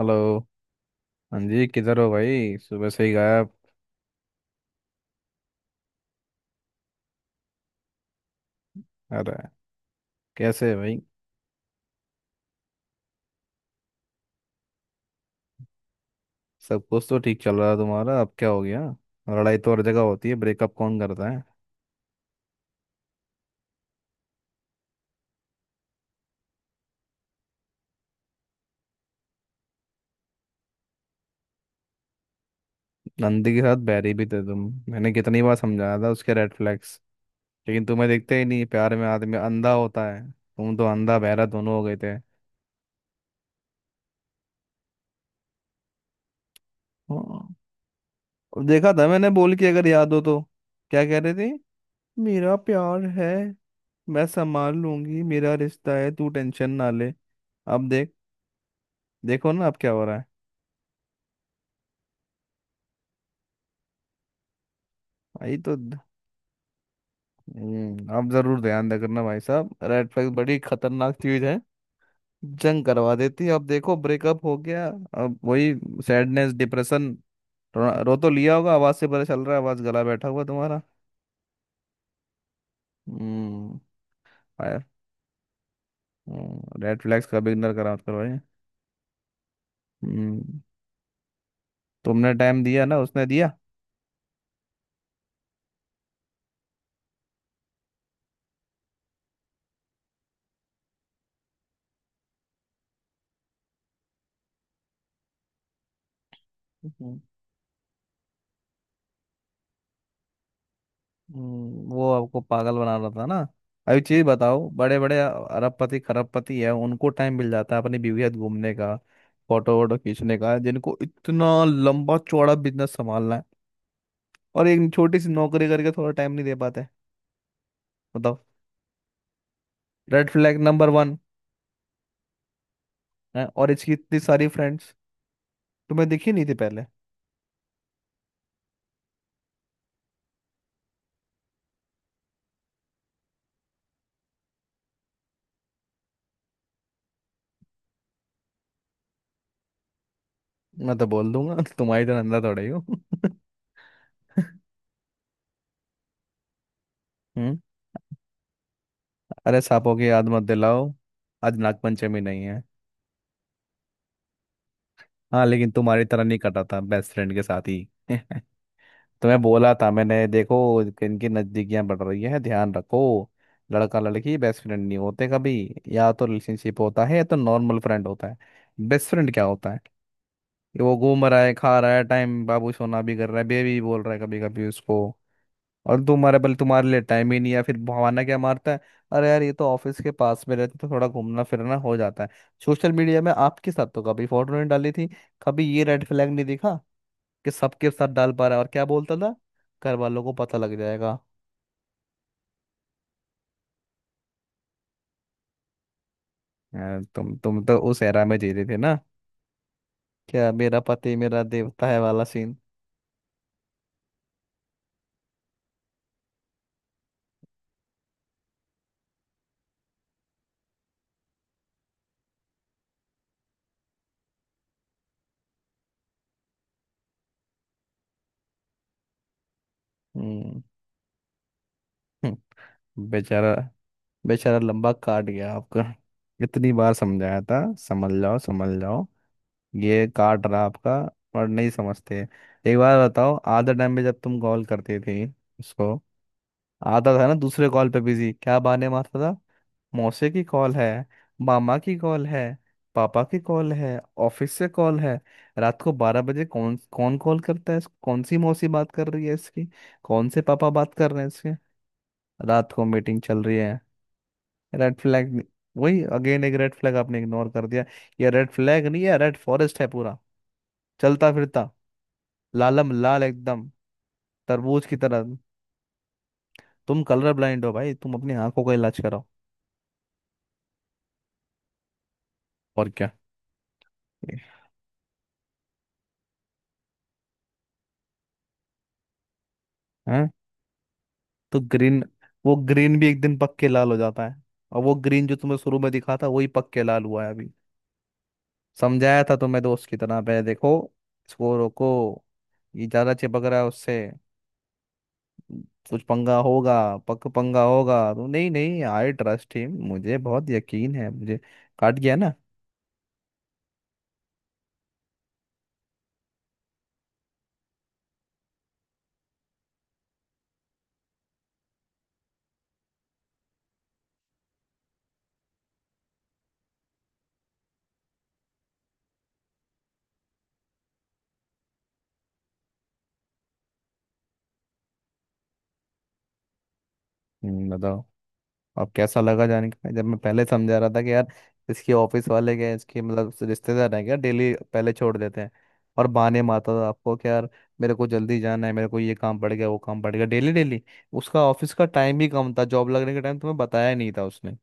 Hello. हाँ जी, किधर हो भाई, सुबह से ही गायब। अरे, कैसे है भाई? सब कुछ तो ठीक चल रहा है तुम्हारा, अब क्या हो गया? लड़ाई तो हर जगह होती है, ब्रेकअप कौन करता है? नंदी के साथ बैरी भी थे तुम। मैंने कितनी बार समझाया था उसके रेड फ्लैग्स, लेकिन तुम्हें दिखते ही नहीं। प्यार में आदमी अंधा होता है, तुम तो अंधा बहरा दोनों हो गए थे। हाँ, और देखा था मैंने बोल के, अगर याद हो तो। क्या कह रहे थे? मेरा प्यार है, मैं संभाल लूंगी, मेरा रिश्ता है, तू टेंशन ना ले। अब देख, देखो ना अब क्या हो रहा है। भाई, तो आप जरूर ध्यान दे करना भाई साहब। रेड फ्लैग बड़ी खतरनाक चीज है, जंग करवा देती है। अब देखो, ब्रेकअप हो गया। अब वही सैडनेस, डिप्रेशन। रो, रो तो लिया होगा, आवाज से पता चल रहा है, आवाज गला बैठा हुआ तुम्हारा। हम्म। फायर। रेड फ्लैग्स का बिगनर करा करो भाई। हम्म तुमने टाइम दिया, ना उसने दिया? वो आपको पागल बना रहा था ना। अभी चीज बताओ, बड़े बड़े अरबपति खरबपति है, उनको टाइम मिल जाता है अपनी बीवी के साथ घूमने का, फोटो वोटो खींचने का, जिनको इतना लंबा चौड़ा बिजनेस संभालना है। और एक छोटी सी नौकरी करके थोड़ा टाइम नहीं दे पाते? बताओ। रेड फ्लैग नंबर 1 है। और इसकी इतनी सारी फ्रेंड्स, तुम्हें दिखी नहीं थी पहले? मैं तो बोल दूंगा तुम्हारी तो नंदा थोड़े ही हो। हम्म। अरे, सांपों की याद मत दिलाओ, आज नागपंचमी नहीं है। हाँ, लेकिन तुम्हारी तरह नहीं कटा था बेस्ट फ्रेंड के साथ ही। तुम्हें बोला था मैंने, देखो इनकी नजदीकियां बढ़ रही है, ध्यान रखो। लड़का लड़की बेस्ट फ्रेंड नहीं होते कभी। या तो रिलेशनशिप होता है, या तो नॉर्मल फ्रेंड होता है। बेस्ट फ्रेंड क्या होता है कि वो घूम रहा है, खा रहा है, टाइम, बाबू सोना भी कर रहा है, बेबी बोल रहा है कभी कभी उसको, और तुम्हारे पहले, तुम्हारे लिए टाइम ही नहीं है। फिर बहाना क्या मारता है? अरे यार, ये तो ऑफिस के पास में रहते तो थोड़ा घूमना फिरना हो जाता है। सोशल मीडिया में आपके साथ तो कभी फोटो नहीं डाली थी, कभी ये रेड फ्लैग नहीं दिखा कि सबके साथ डाल पा रहा है। और क्या बोलता था? घर वालों को पता लग जाएगा। यार तुम तो उस एरा में जी रहे थे ना, क्या मेरा पति मेरा देवता है वाला सीन। हम्म। हम्म, बेचारा। बेचारा लंबा काट गया आपका। इतनी बार समझाया था, समझ जाओ समझ जाओ, ये काट रहा आपका, और नहीं समझते। एक बार बताओ, आधा टाइम पे जब तुम कॉल करते थे उसको, आधा था ना दूसरे कॉल पे बिजी, क्या बहाने मारता था? मौसे की कॉल है, मामा की कॉल है, पापा की कॉल है, ऑफिस से कॉल है। रात को 12 बजे कौन कौन कॉल करता है? कौन सी मौसी बात कर रही है इसकी, कौन से पापा बात कर रहे हैं इसके? रात को मीटिंग चल रही है? Red flag. वही अगेन, एक रेड फ्लैग आपने इग्नोर कर दिया। ये रेड फ्लैग नहीं है, रेड फॉरेस्ट है पूरा, चलता फिरता, लालम लाल एकदम, तरबूज की तरह। तुम कलर ब्लाइंड हो भाई, तुम अपनी आंखों का इलाज कराओ। और क्या? तो ग्रीन? वो ग्रीन भी एक दिन पक के लाल हो जाता है। और वो ग्रीन जो तुम्हें शुरू में दिखा था, वही पक के लाल हुआ है अभी। समझाया था तुम्हें दोस्त की तरह पे, देखो इसको रोको, ये ज्यादा चिपक रहा है उससे, कुछ पंगा होगा। पक पंगा होगा तो नहीं नहीं, आई ट्रस्ट हिम, मुझे बहुत यकीन है मुझे। काट गया ना? बताओ। अब कैसा लगा जान के, जब मैं पहले समझा रहा था कि यार इसके ऑफिस वाले क्या इसके मतलब रिश्तेदार हैं, क्या डेली पहले छोड़ देते हैं? और बहाने मारता था आपको कि यार मेरे को जल्दी जाना है, मेरे को ये काम पड़ गया, वो काम पड़ गया, डेली डेली। उसका ऑफिस का टाइम भी कम था, जॉब लगने का टाइम तुम्हें बताया ही नहीं था उसने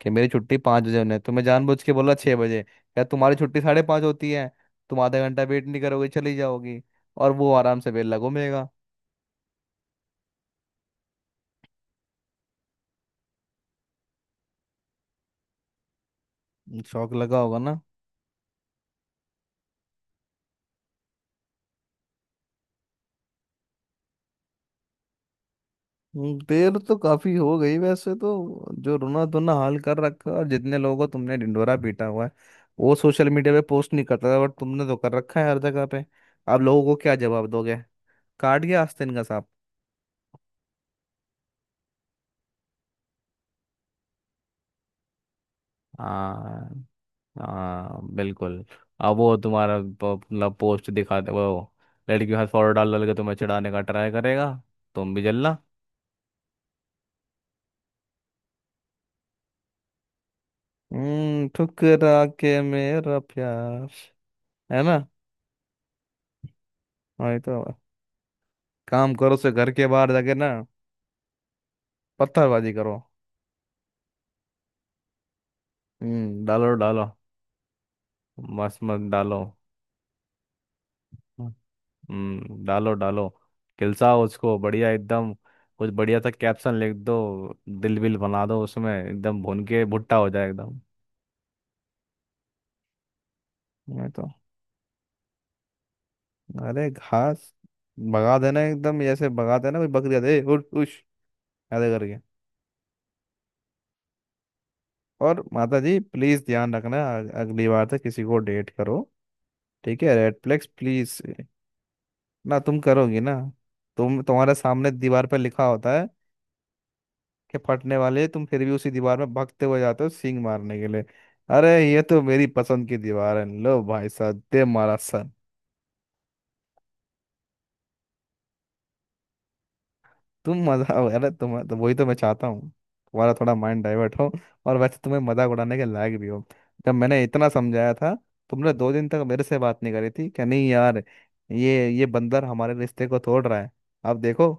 कि मेरी छुट्टी 5 बजे होने है। तुम्हें जानबूझ के बोला 6 बजे। क्या तुम्हारी छुट्टी 5:30 होती है? तुम आधा घंटा वेट नहीं करोगे, चली जाओगी, और वो आराम से बेल लगो मेगा। शौक लगा होगा ना। देर तो काफी हो गई वैसे तो, जो रोना धोना हाल कर रखा है, और जितने लोगों को तुमने ढिंढोरा पीटा हुआ है। वो सोशल मीडिया पे पोस्ट नहीं करता था, बट तुमने तो कर रखा है हर जगह पे। अब लोगों को क्या जवाब दोगे? काट गया आस्तीन का सांप। हाँ, हाँ, बिल्कुल। अब वो तुम्हारा मतलब पोस्ट दिखाते, वो लड़की के हाथ फोटो डाल डाल के तुम्हें चढ़ाने का ट्राई करेगा, तुम भी जलना। ठुकरा के मेरा प्यार, है ना? वही तो, काम करो से घर के बाहर जाके ना, पत्थरबाजी करो। डालो डालो। मस्त मस्त डालो। डालो डालो। खिलसाओ उसको बढ़िया एकदम, कुछ बढ़िया सा कैप्शन लिख दो। दिल विल बना दो उसमें एकदम, भून के भुट्टा हो जाए एकदम। मैं तो, अरे घास भगा देना एकदम, जैसे भगा देना कोई बकरी, आते ए उठ उश ऐसे करके। और माता जी, प्लीज ध्यान रखना अगली बार से किसी को डेट करो, ठीक है? Red flags please. ना तुम करोगी ना। तुम, तुम्हारे सामने दीवार पर लिखा होता है के फटने वाले, तुम फिर भी उसी दीवार में भगते हुए जाते हो सींग मारने के लिए। अरे ये तो मेरी पसंद की दीवार है, लो भाई साहब दे मारा सर। तुम मजा, अरे तुम तो, वही तो मैं चाहता हूँ तुम्हारा थोड़ा माइंड डाइवर्ट हो, और वैसे तुम्हें मजाक उड़ाने के लायक भी हो। जब मैंने इतना समझाया था, तुमने 2 दिन तक मेरे से बात नहीं करी थी क्या? नहीं यार, ये बंदर हमारे रिश्ते को तोड़ रहा है। अब देखो,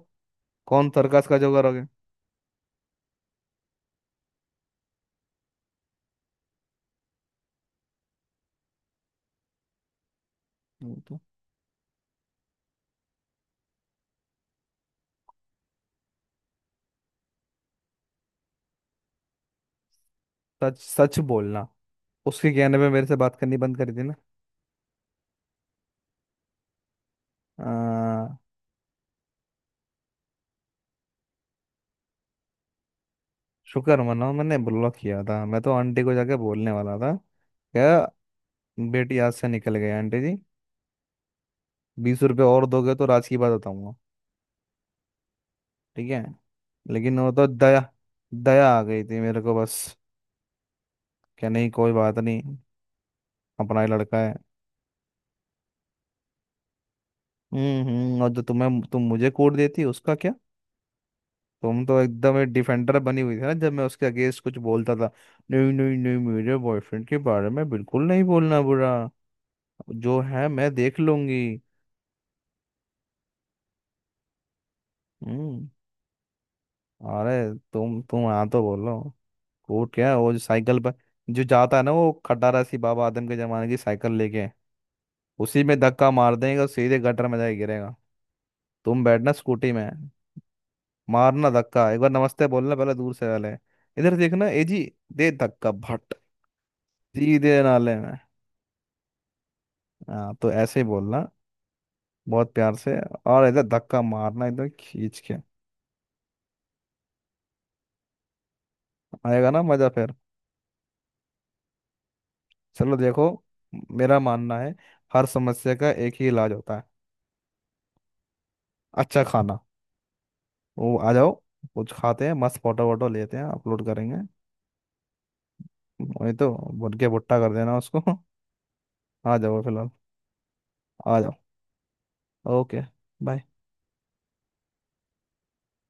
कौन सर्कस का जो करोगे वो तो। सच सच बोलना, उसके कहने पे मेरे से बात करनी बंद करी थी ना? शुक्र मनाओ मैंने ब्लॉक किया था, मैं तो आंटी को जाके बोलने वाला था क्या। बेटी आज से निकल गई आंटी जी, 20 रुपये और दोगे तो राज की बात बताऊंगा। ठीक है, लेकिन वो तो दया, दया आ गई थी मेरे को बस। क्या, नहीं, कोई बात नहीं, अपना ही लड़का है। हम्म, और जो तुम्हें, तुम मुझे कोड देती उसका क्या? तुम तो एकदम एक डिफेंडर बनी हुई थी ना, जब मैं उसके अगेंस्ट कुछ बोलता था। नहीं नहीं नहीं, मेरे बॉयफ्रेंड के बारे में बिल्कुल नहीं बोलना बुरा, जो है मैं देख लूंगी। हम्म। अरे, तुम हाँ तो बोलो। कूट क्या, वो जो साइकिल पर जो जाता है ना, वो खटारा सी बाबा आदम के जमाने की साइकिल लेके, उसी में धक्का मार देगा, सीधे गटर में जाके गिरेगा। तुम बैठना स्कूटी में, मारना धक्का, एक बार नमस्ते बोलना पहले, दूर से पहले, इधर देखना, ए जी, दे धक्का भट, सीधे नाले में। हाँ, तो ऐसे ही बोलना, बहुत प्यार से, और इधर धक्का मारना, इधर खींच के। आएगा ना मजा फिर? चलो देखो, मेरा मानना है हर समस्या का एक ही इलाज होता है। अच्छा खाना, वो आ जाओ, कुछ खाते हैं, मस्त फोटो वोटो लेते हैं, अपलोड करेंगे। वही तो, भुट के भुट्टा कर देना उसको। आ जाओ फिलहाल, आ जाओ। Okay, bye.